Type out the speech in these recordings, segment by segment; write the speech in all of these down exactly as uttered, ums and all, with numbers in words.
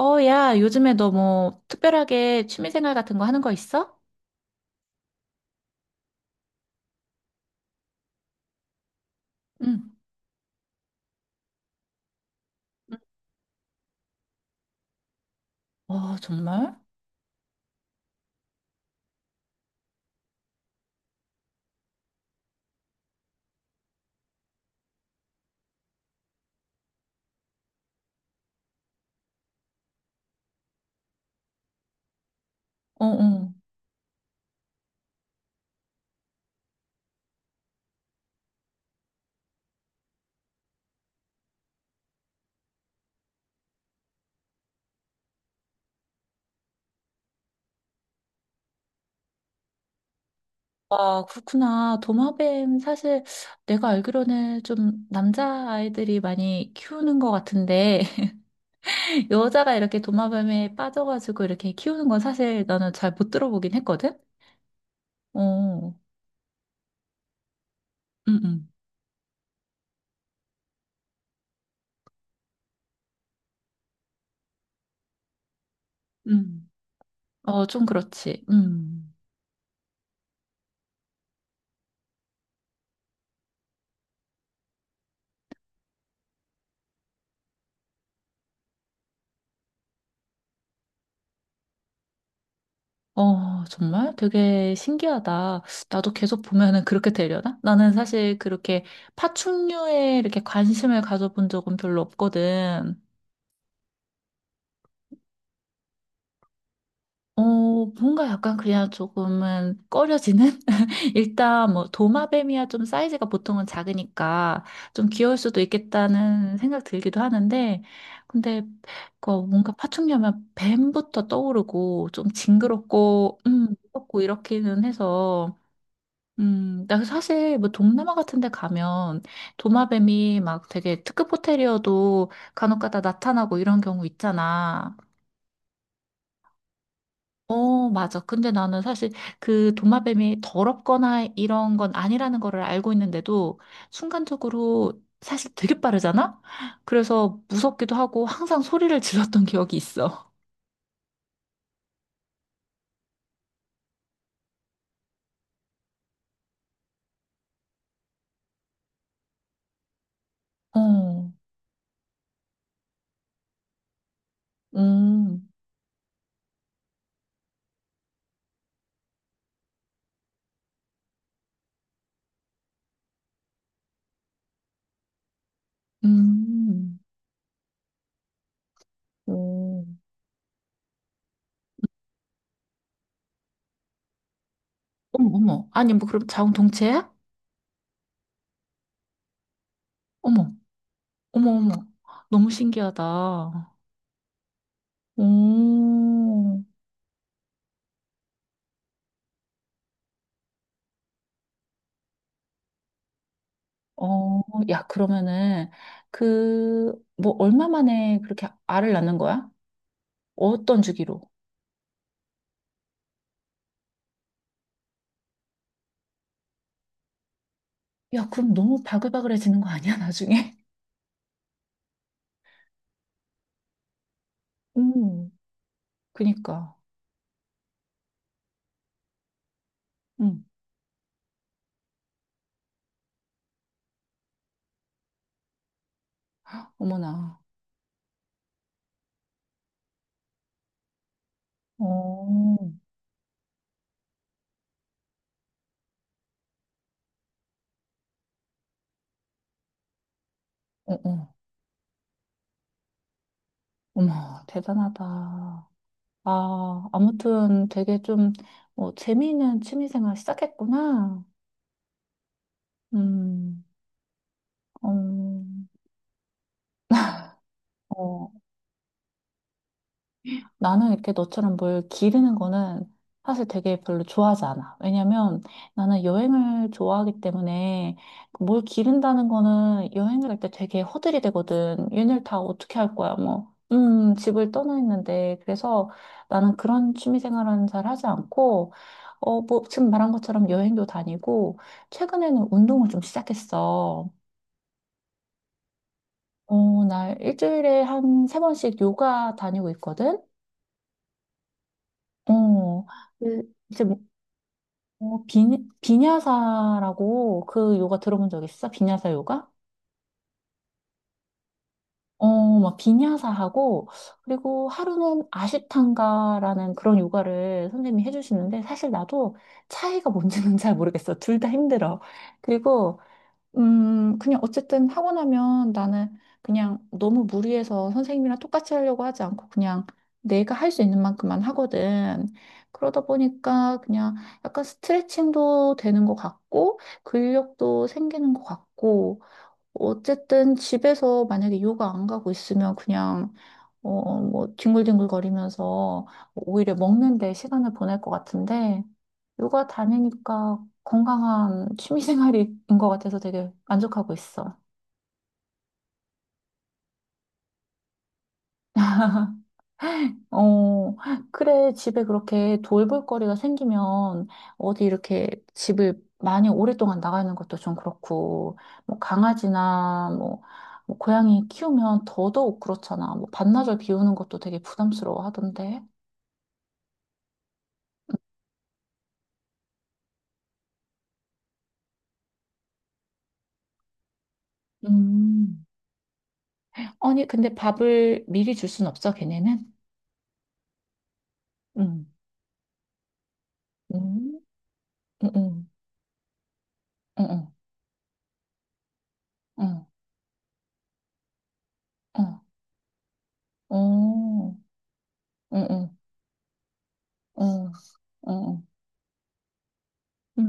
어, 야, 요즘에 너 뭐 특별하게 취미생활 같은 거 하는 거 있어? 응. 와, 정말? 어, 어. 와, 그렇구나. 도마뱀 사실 내가 알기로는 좀 남자아이들이 많이 키우는 것 같은데 여자가 이렇게 도마뱀에 빠져가지고 이렇게 키우는 건 사실 나는 잘 못 들어보긴 했거든? 어, 응, 응. 응. 어, 좀 그렇지. 음. 어, 정말 되게 신기하다. 나도 계속 보면은 그렇게 되려나? 나는 사실 그렇게 파충류에 이렇게 관심을 가져본 적은 별로 없거든. 어, 뭔가 약간 그냥 조금은 꺼려지는? 일단 뭐 도마뱀이야 좀 사이즈가 보통은 작으니까 좀 귀여울 수도 있겠다는 생각 들기도 하는데, 근데 그 뭔가 파충류면 뱀부터 떠오르고 좀 징그럽고, 음, 무섭고 이렇기는 해서 음, 나 사실 뭐 동남아 같은 데 가면 도마뱀이 막 되게 특급 호텔이어도 간혹가다 나타나고 이런 경우 있잖아. 어, 맞아. 근데 나는 사실 그 도마뱀이 더럽거나 이런 건 아니라는 거를 알고 있는데도 순간적으로 사실 되게 빠르잖아? 그래서 무섭기도 하고 항상 소리를 질렀던 기억이 있어. 어, 음, 음, 음. 어머, 어머. 아니, 뭐 그럼 자웅 동체야? 어머. 어머, 어머. 너무 신기하다. 오, 어, 야, 그러면은, 그, 뭐, 얼마 만에 그렇게 알을 낳는 거야? 어떤 주기로? 야, 그럼 너무 바글바글해지는 거 아니야, 나중에? 음, 그니까. 음, 어머나. 어, 어, 어. 어머, 대단하다. 아, 아무튼 되게 좀, 뭐, 재미있는 취미생활 시작했구나. 음, 어, 어. 나는 이렇게 너처럼 뭘 기르는 거는 사실 되게 별로 좋아하지 않아. 왜냐면 나는 여행을 좋아하기 때문에 뭘 기른다는 거는 여행을 할 때 되게 허들이 되거든. 얘네를 다 어떻게 할 거야, 뭐. 음, 집을 떠나 있는데. 그래서 나는 그런 취미 생활은 잘 하지 않고, 어, 뭐, 지금 말한 것처럼 여행도 다니고, 최근에는 운동을 좀 시작했어. 어, 나 일주일에 한 세 번씩 요가 다니고 있거든? 어, 그 이제 뭐 어, 비, 비냐사라고 그 요가 들어본 적 있어? 비냐사 요가? 어, 막 비냐사하고 그리고 하루는 아시탄가라는 그런 요가를 선생님이 해주시는데 사실 나도 차이가 뭔지는 잘 모르겠어. 둘 다 힘들어. 그리고 음, 그냥 어쨌든 하고 나면 나는 그냥 너무 무리해서 선생님이랑 똑같이 하려고 하지 않고 그냥 내가 할 수 있는 만큼만 하거든. 그러다 보니까 그냥 약간 스트레칭도 되는 것 같고, 근력도 생기는 것 같고, 어쨌든 집에서 만약에 요가 안 가고 있으면 그냥 어, 뭐, 뒹굴뒹굴거리면서 오히려 먹는데 시간을 보낼 것 같은데, 요가 다니니까 건강한 취미생활인 것 같아서 되게 만족하고 있어. 어, 그래, 집에 그렇게 돌볼 거리가 생기면 어디 이렇게 집을 많이 오랫동안 나가는 것도 좀 그렇고, 뭐, 강아지나 뭐, 뭐 고양이 키우면 더더욱 그렇잖아. 뭐, 반나절 비우는 것도 되게 부담스러워 하던데. 음. 아니, 근데 밥을 미리 줄 순 없어, 걔네는? 응. 음, 응, 응, 응, 응, 응, 응, 어, 응, 응, 응, 응, 응. 응.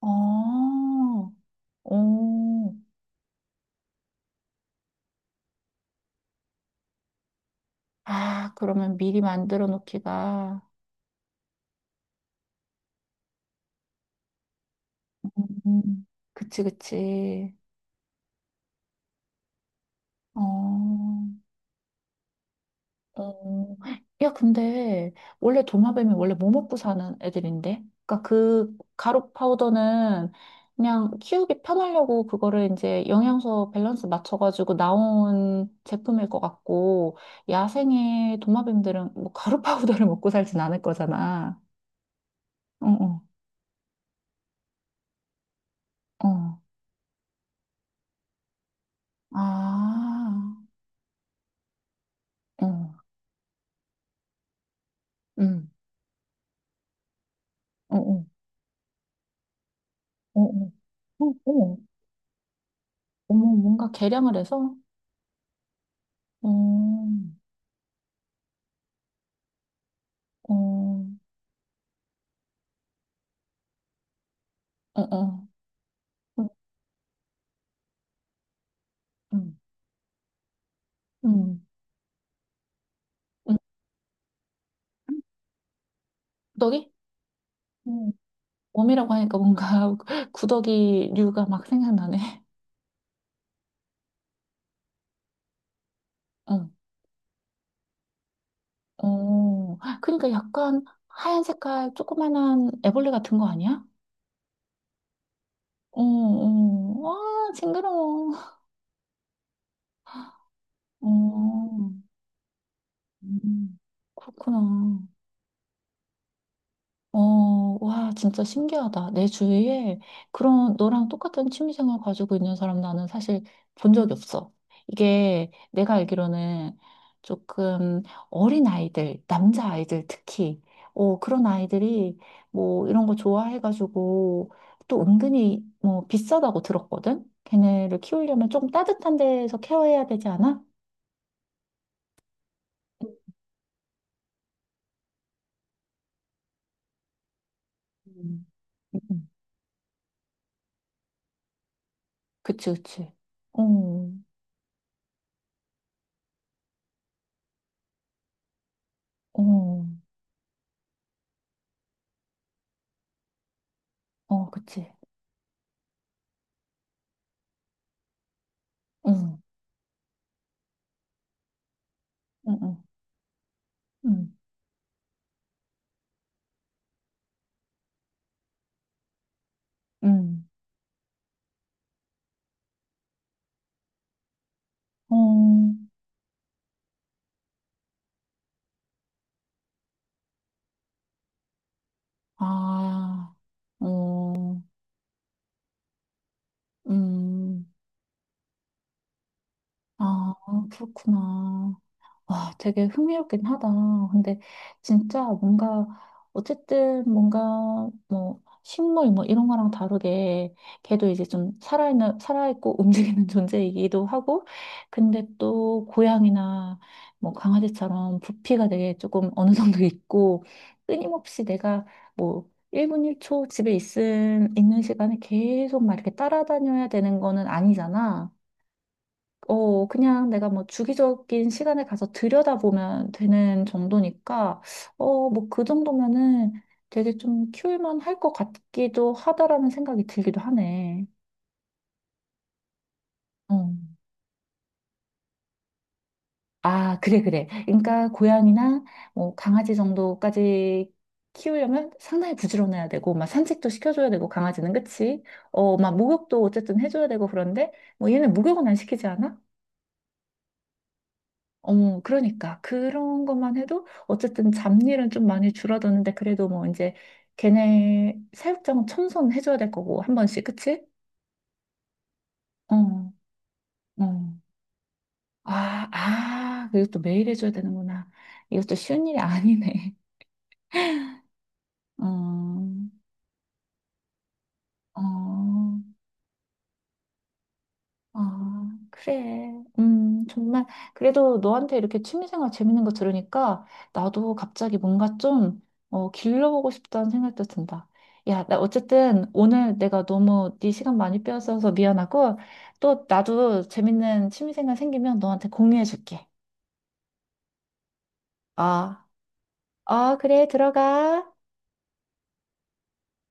아, 오. 아, 그러면 미리 만들어 놓기가. 음, 그치, 그치. 어. 어, 야, 근데 원래 도마뱀이 원래 뭐 먹고 사는 애들인데? 그러니까 그 가루 파우더는 그냥 키우기 편하려고 그거를 이제 영양소 밸런스 맞춰가지고 나온 제품일 것 같고 야생의 도마뱀들은 뭐 가루 파우더를 먹고 살진 않을 거잖아. 어, 어, 어. 아, 어, 음, 어, 어, 어, 어, 어, 어머, 어머, 뭔가 개량을 해서, 어, 어, 어, 어. 음, 음, 음, 구더기? 음, 웜이라고 하니까 뭔가 구더기류가 막 생각나네. 응. 어, 그러니까 약간 하얀 색깔 조그만한 애벌레 같은 거 아니야? 어, 어, 와, 징그러워. 어, 음, 그렇구나. 어, 와, 진짜 신기하다. 내 주위에 그런 너랑 똑같은 취미생활 가지고 있는 사람 나는 사실 본 적이 없어. 이게 내가 알기로는 조금 어린 아이들, 남자 아이들 특히, 어, 그런 아이들이 뭐 이런 거 좋아해가지고 또 은근히 뭐 비싸다고 들었거든? 걔네를 키우려면 좀 따뜻한 데서 케어해야 되지 않아? 음. 음. 그치, 그치. 어, 어, 어, 그치. 응. 응, 응, 응, 응. 어, 아, 어, 음, 아, 그렇구나. 와, 되게 흥미롭긴 하다. 근데 진짜 뭔가 어쨌든 뭔가 뭐 식물 뭐 이런 거랑 다르게 걔도 이제 좀 살아있는 살아있고 움직이는 존재이기도 하고 근데 또 고양이나 뭐 강아지처럼 부피가 되게 조금 어느 정도 있고 끊임없이 내가 뭐 일 분 일 초 집에 있은 있는 시간에 계속 막 이렇게 따라다녀야 되는 거는 아니잖아. 어, 그냥 내가 뭐 주기적인 시간에 가서 들여다보면 되는 정도니까, 어, 뭐 그 정도면은 되게 좀 키울만 할 것 같기도 하다라는 생각이 들기도 하네. 어. 아, 그래, 그래. 그러니까 고양이나 뭐 강아지 정도까지 키우려면 상당히 부지런해야 되고, 막 산책도 시켜줘야 되고, 강아지는 그치? 어, 막 목욕도 어쨌든 해줘야 되고, 그런데 뭐 얘는 목욕은 안 시키지 않아? 어머, 그러니까. 그런 것만 해도 어쨌든 잡일은 좀 많이 줄어드는데 그래도 뭐 이제 걔네 사육장 청소는 해줘야 될 거고, 한 번씩, 그치? 어, 어. 아, 아, 그리고 또 매일 해줘야 되는구나. 이것도 쉬운 일이 아니네. 어, 어. 아, 그래. 음, 정말. 그래도 너한테 이렇게 취미생활 재밌는 거 들으니까 나도 갑자기 뭔가 좀, 어, 길러보고 싶다는 생각도 든다. 야, 나 어쨌든 오늘 내가 너무 네 시간 많이 빼앗아서 미안하고 또 나도 재밌는 취미생활 생기면 너한테 공유해줄게. 아, 아, 그래. 들어가.